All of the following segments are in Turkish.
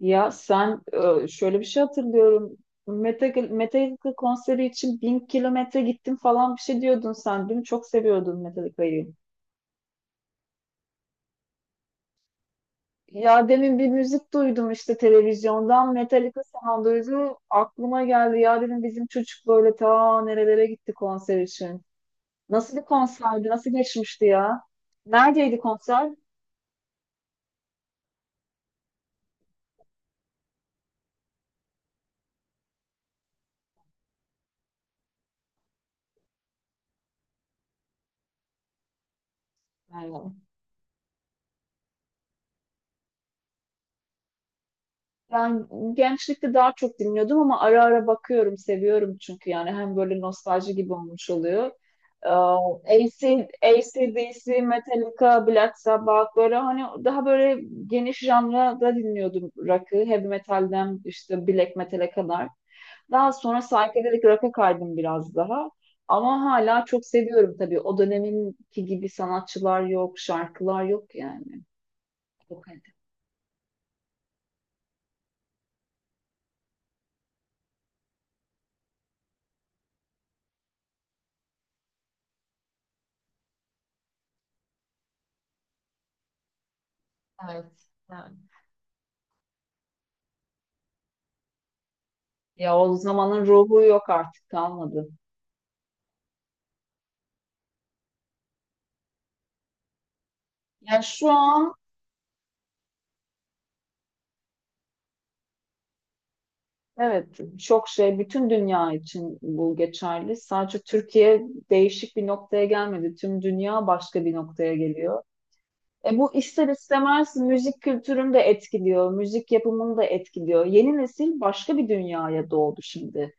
Ya sen şöyle bir şey hatırlıyorum. Metallica konseri için 1000 kilometre gittim falan bir şey diyordun sen. Değil mi? Çok seviyordun Metallica'yı. Ya demin bir müzik duydum işte televizyondan Metallica sounduydu. Aklıma geldi ya dedim bizim çocuk böyle ta nerelere gitti konser için. Nasıl bir konserdi? Nasıl geçmişti ya? Neredeydi konser? Yani gençlikte daha çok dinliyordum ama ara ara bakıyorum, seviyorum çünkü yani hem böyle nostalji gibi olmuş oluyor. AC, AC/DC, Metallica, Black Sabbath böyle hani daha böyle geniş janrada dinliyordum rock'ı. Heavy metalden işte black metal'e kadar. Daha sonra psychedelic rock'a kaydım biraz daha. Ama hala çok seviyorum tabii. O döneminki gibi sanatçılar yok, şarkılar yok yani. Çok kaliteli. Evet. Evet. Ya o zamanın ruhu yok artık kalmadı. Ya şu an, evet, çok şey, bütün dünya için bu geçerli. Sadece Türkiye değişik bir noktaya gelmedi. Tüm dünya başka bir noktaya geliyor. Bu ister istemez müzik kültürünü de etkiliyor, müzik yapımını da etkiliyor. Yeni nesil başka bir dünyaya doğdu şimdi.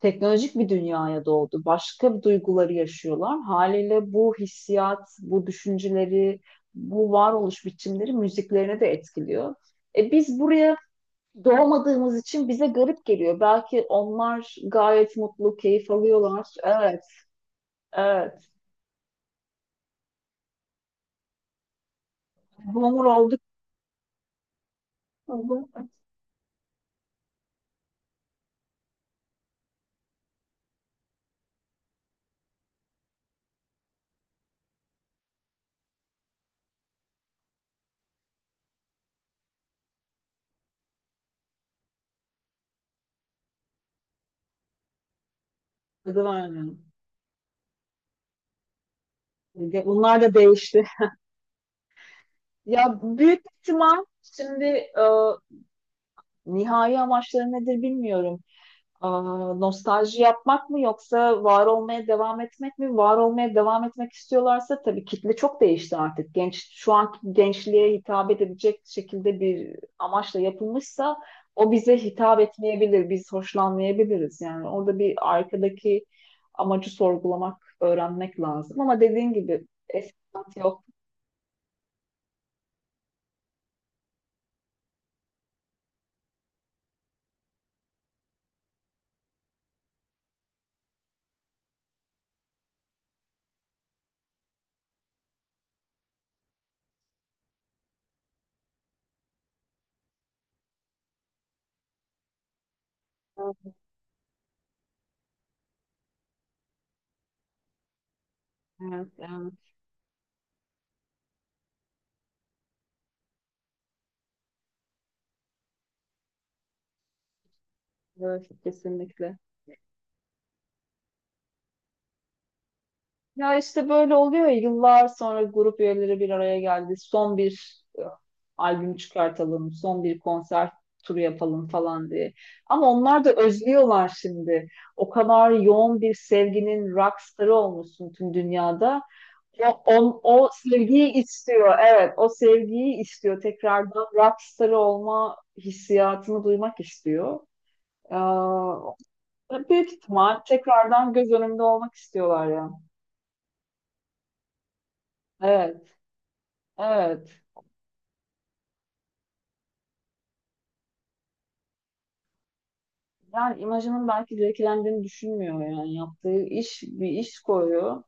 Teknolojik bir dünyaya doğdu. Başka duyguları yaşıyorlar. Haliyle bu hissiyat, bu düşünceleri, bu varoluş biçimleri müziklerine de etkiliyor. Biz buraya doğmadığımız için bize garip geliyor. Belki onlar gayet mutlu, keyif alıyorlar. Evet, evet. Boomer olduk. Tadı Bunlar da değişti. Ya büyük ihtimal şimdi, nihai amaçları nedir bilmiyorum. Aa, nostalji yapmak mı yoksa var olmaya devam etmek mi? Var olmaya devam etmek istiyorlarsa tabii kitle çok değişti artık. Şu anki gençliğe hitap edebilecek şekilde bir amaçla yapılmışsa o bize hitap etmeyebilir. Biz hoşlanmayabiliriz. Yani orada bir arkadaki amacı sorgulamak, öğrenmek lazım. Ama dediğin gibi eski tat yok. Evet, evet, evet, kesinlikle. Ya işte böyle oluyor ya, yıllar sonra grup üyeleri bir araya geldi. Son bir albüm çıkartalım, son bir konser turu yapalım falan diye. Ama onlar da özlüyorlar şimdi. O kadar yoğun bir sevginin rockstarı olmuşsun tüm dünyada. O sevgiyi istiyor. Evet, o sevgiyi istiyor. Tekrardan rockstarı olma hissiyatını duymak istiyor. Ee, büyük ihtimal tekrardan göz önünde olmak istiyorlar ya. Evet. Evet. Yani imajının belki zevklendiğini düşünmüyor yani. Yaptığı iş bir iş koyuyor.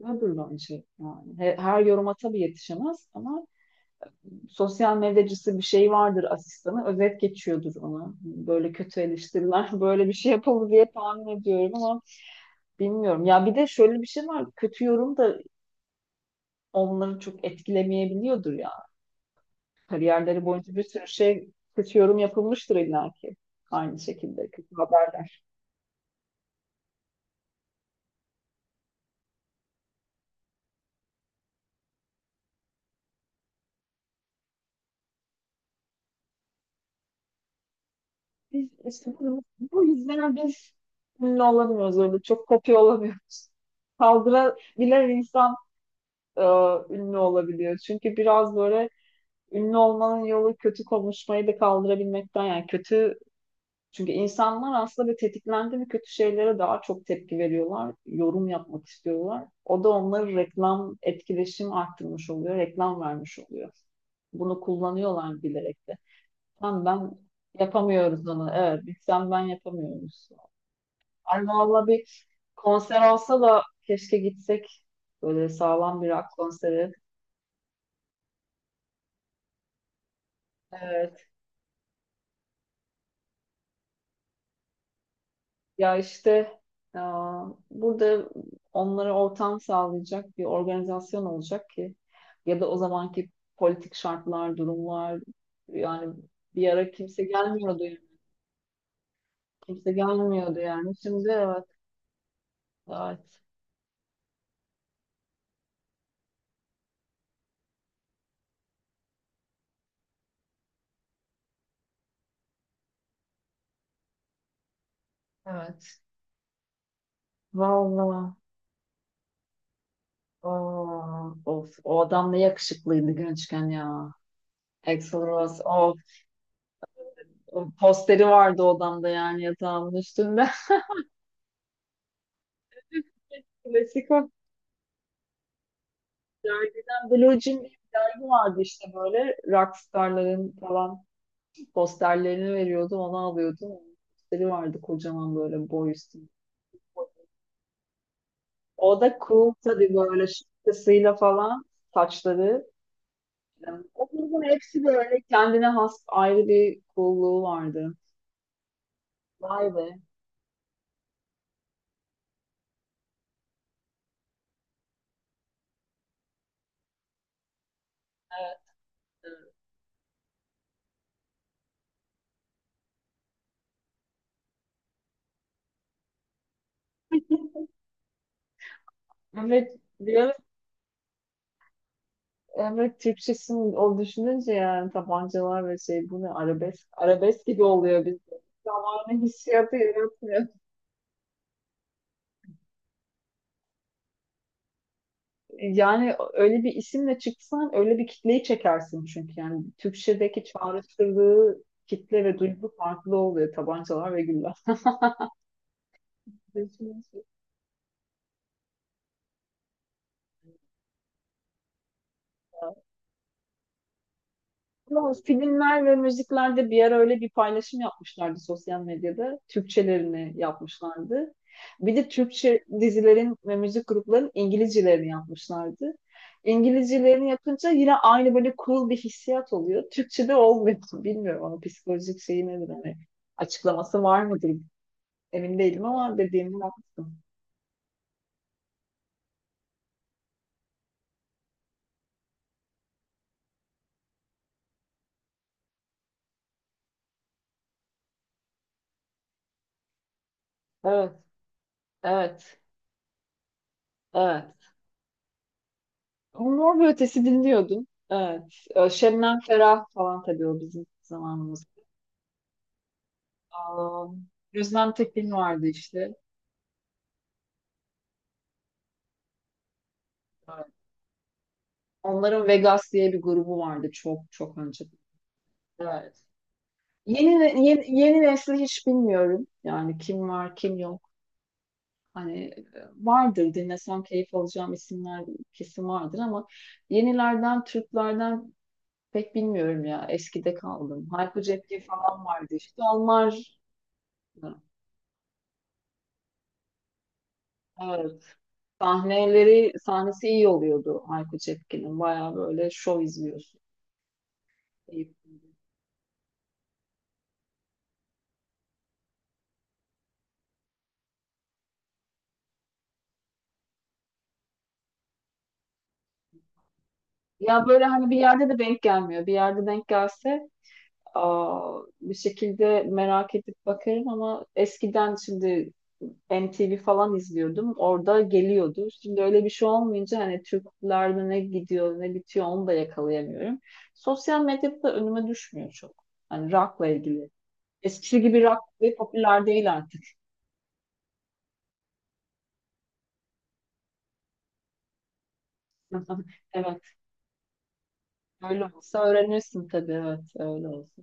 Ödül bence yani. Her yoruma tabii yetişemez ama sosyal medyacısı bir şey vardır, asistanı. Özet geçiyordur ona. Böyle kötü eleştiriler böyle bir şey yapıldı diye tahmin ediyorum ama bilmiyorum. Ya bir de şöyle bir şey var. Kötü yorum da onları çok etkilemeyebiliyordur ya. Kariyerleri boyunca bir sürü şey kötü yorum yapılmıştır illa ki. Aynı şekilde kötü haber. Biz işte bu yüzden biz ünlü olamıyoruz öyle. Çok kopya olamıyoruz. Kaldırabilen insan, e, ünlü olabiliyor. Çünkü biraz böyle ünlü olmanın yolu kötü konuşmayı da kaldırabilmekten, yani kötü. Çünkü insanlar aslında bir tetiklendi mi kötü şeylere daha çok tepki veriyorlar. Yorum yapmak istiyorlar. O da onları, reklam, etkileşim arttırmış oluyor. Reklam vermiş oluyor. Bunu kullanıyorlar bilerek de. Sen ben yapamıyoruz onu. Evet, biz sen ben yapamıyoruz. Ay valla bir konser olsa da keşke gitsek. Böyle sağlam bir rock konseri. Evet. Ya işte, aa, burada onlara ortam sağlayacak bir organizasyon olacak ki, ya da o zamanki politik şartlar, durumlar, yani bir ara kimse gelmiyordu yani. Kimse gelmiyordu yani. Şimdi evet. Evet. Evet. Vallahi. Aa, of, o adam ne yakışıklıydı gençken ya. Axl Rose, of, o posteri vardı odamda, yani yatağımın üstünde. Klasik o. Dergiden, Blue Jean diye bir dergi vardı işte, böyle rockstarların falan posterlerini veriyordu, onu alıyordum. Onun posteri vardı, kocaman, böyle boy üstünde. O da cool tabii, böyle şapkasıyla falan, saçları. Yani o grubun hepsi böyle kendine has ayrı bir coolluğu vardı. Vay be. Evet, evet, evet diyor. Evet, Türkçesini o düşününce yani, tabancalar ve şey, bu ne, arabesk arabesk gibi oluyor bizde. Zamanı hissiyatı yaratmıyor. Yani öyle bir isimle çıksan öyle bir kitleyi çekersin, çünkü yani Türkçedeki çağrıştırdığı kitle ve duygu farklı oluyor, tabancalar ve güller. Ama filmler ve müziklerde bir ara öyle bir paylaşım yapmışlardı sosyal medyada. Türkçelerini yapmışlardı. Bir de Türkçe dizilerin ve müzik gruplarının İngilizcelerini yapmışlardı. İngilizcelerini yapınca yine aynı böyle cool bir hissiyat oluyor. Türkçe'de olmuyor. Bilmiyorum ama psikolojik şeyi nedir? Hani açıklaması var mıdır? Emin değilim ama dediğimi yaptım. Evet, evet, evet. Mor ve Ötesi dinliyordum. Evet. Şebnem Ferah falan, tabii o bizim zamanımız. Aa, Özlem Tekin vardı işte. Evet. Onların Vegas diye bir grubu vardı çok çok önce. Evet. Yeni nesli hiç bilmiyorum. Yani kim var kim yok. Hani, vardır dinlesem keyif alacağım isimler, kesin vardır, ama yenilerden Türklerden pek bilmiyorum ya. Eskide kaldım. Hayko Cepkin falan vardı işte. Onlar. Evet. Sahnesi iyi oluyordu Hayko Cepkin'in. Baya böyle şov izliyorsun. Ya böyle hani bir yerde de denk gelmiyor. Bir yerde denk gelse, aa, bir şekilde merak edip bakarım ama eskiden şimdi MTV falan izliyordum. Orada geliyordu. Şimdi öyle bir şey olmayınca hani Türklerde ne gidiyor ne bitiyor onu da yakalayamıyorum. Sosyal medyada da önüme düşmüyor çok. Hani rock'la ilgili. Eskisi gibi rock ve popüler değil artık. Evet, öyle olsa öğrenirsin tabii. Evet, öyle olsa.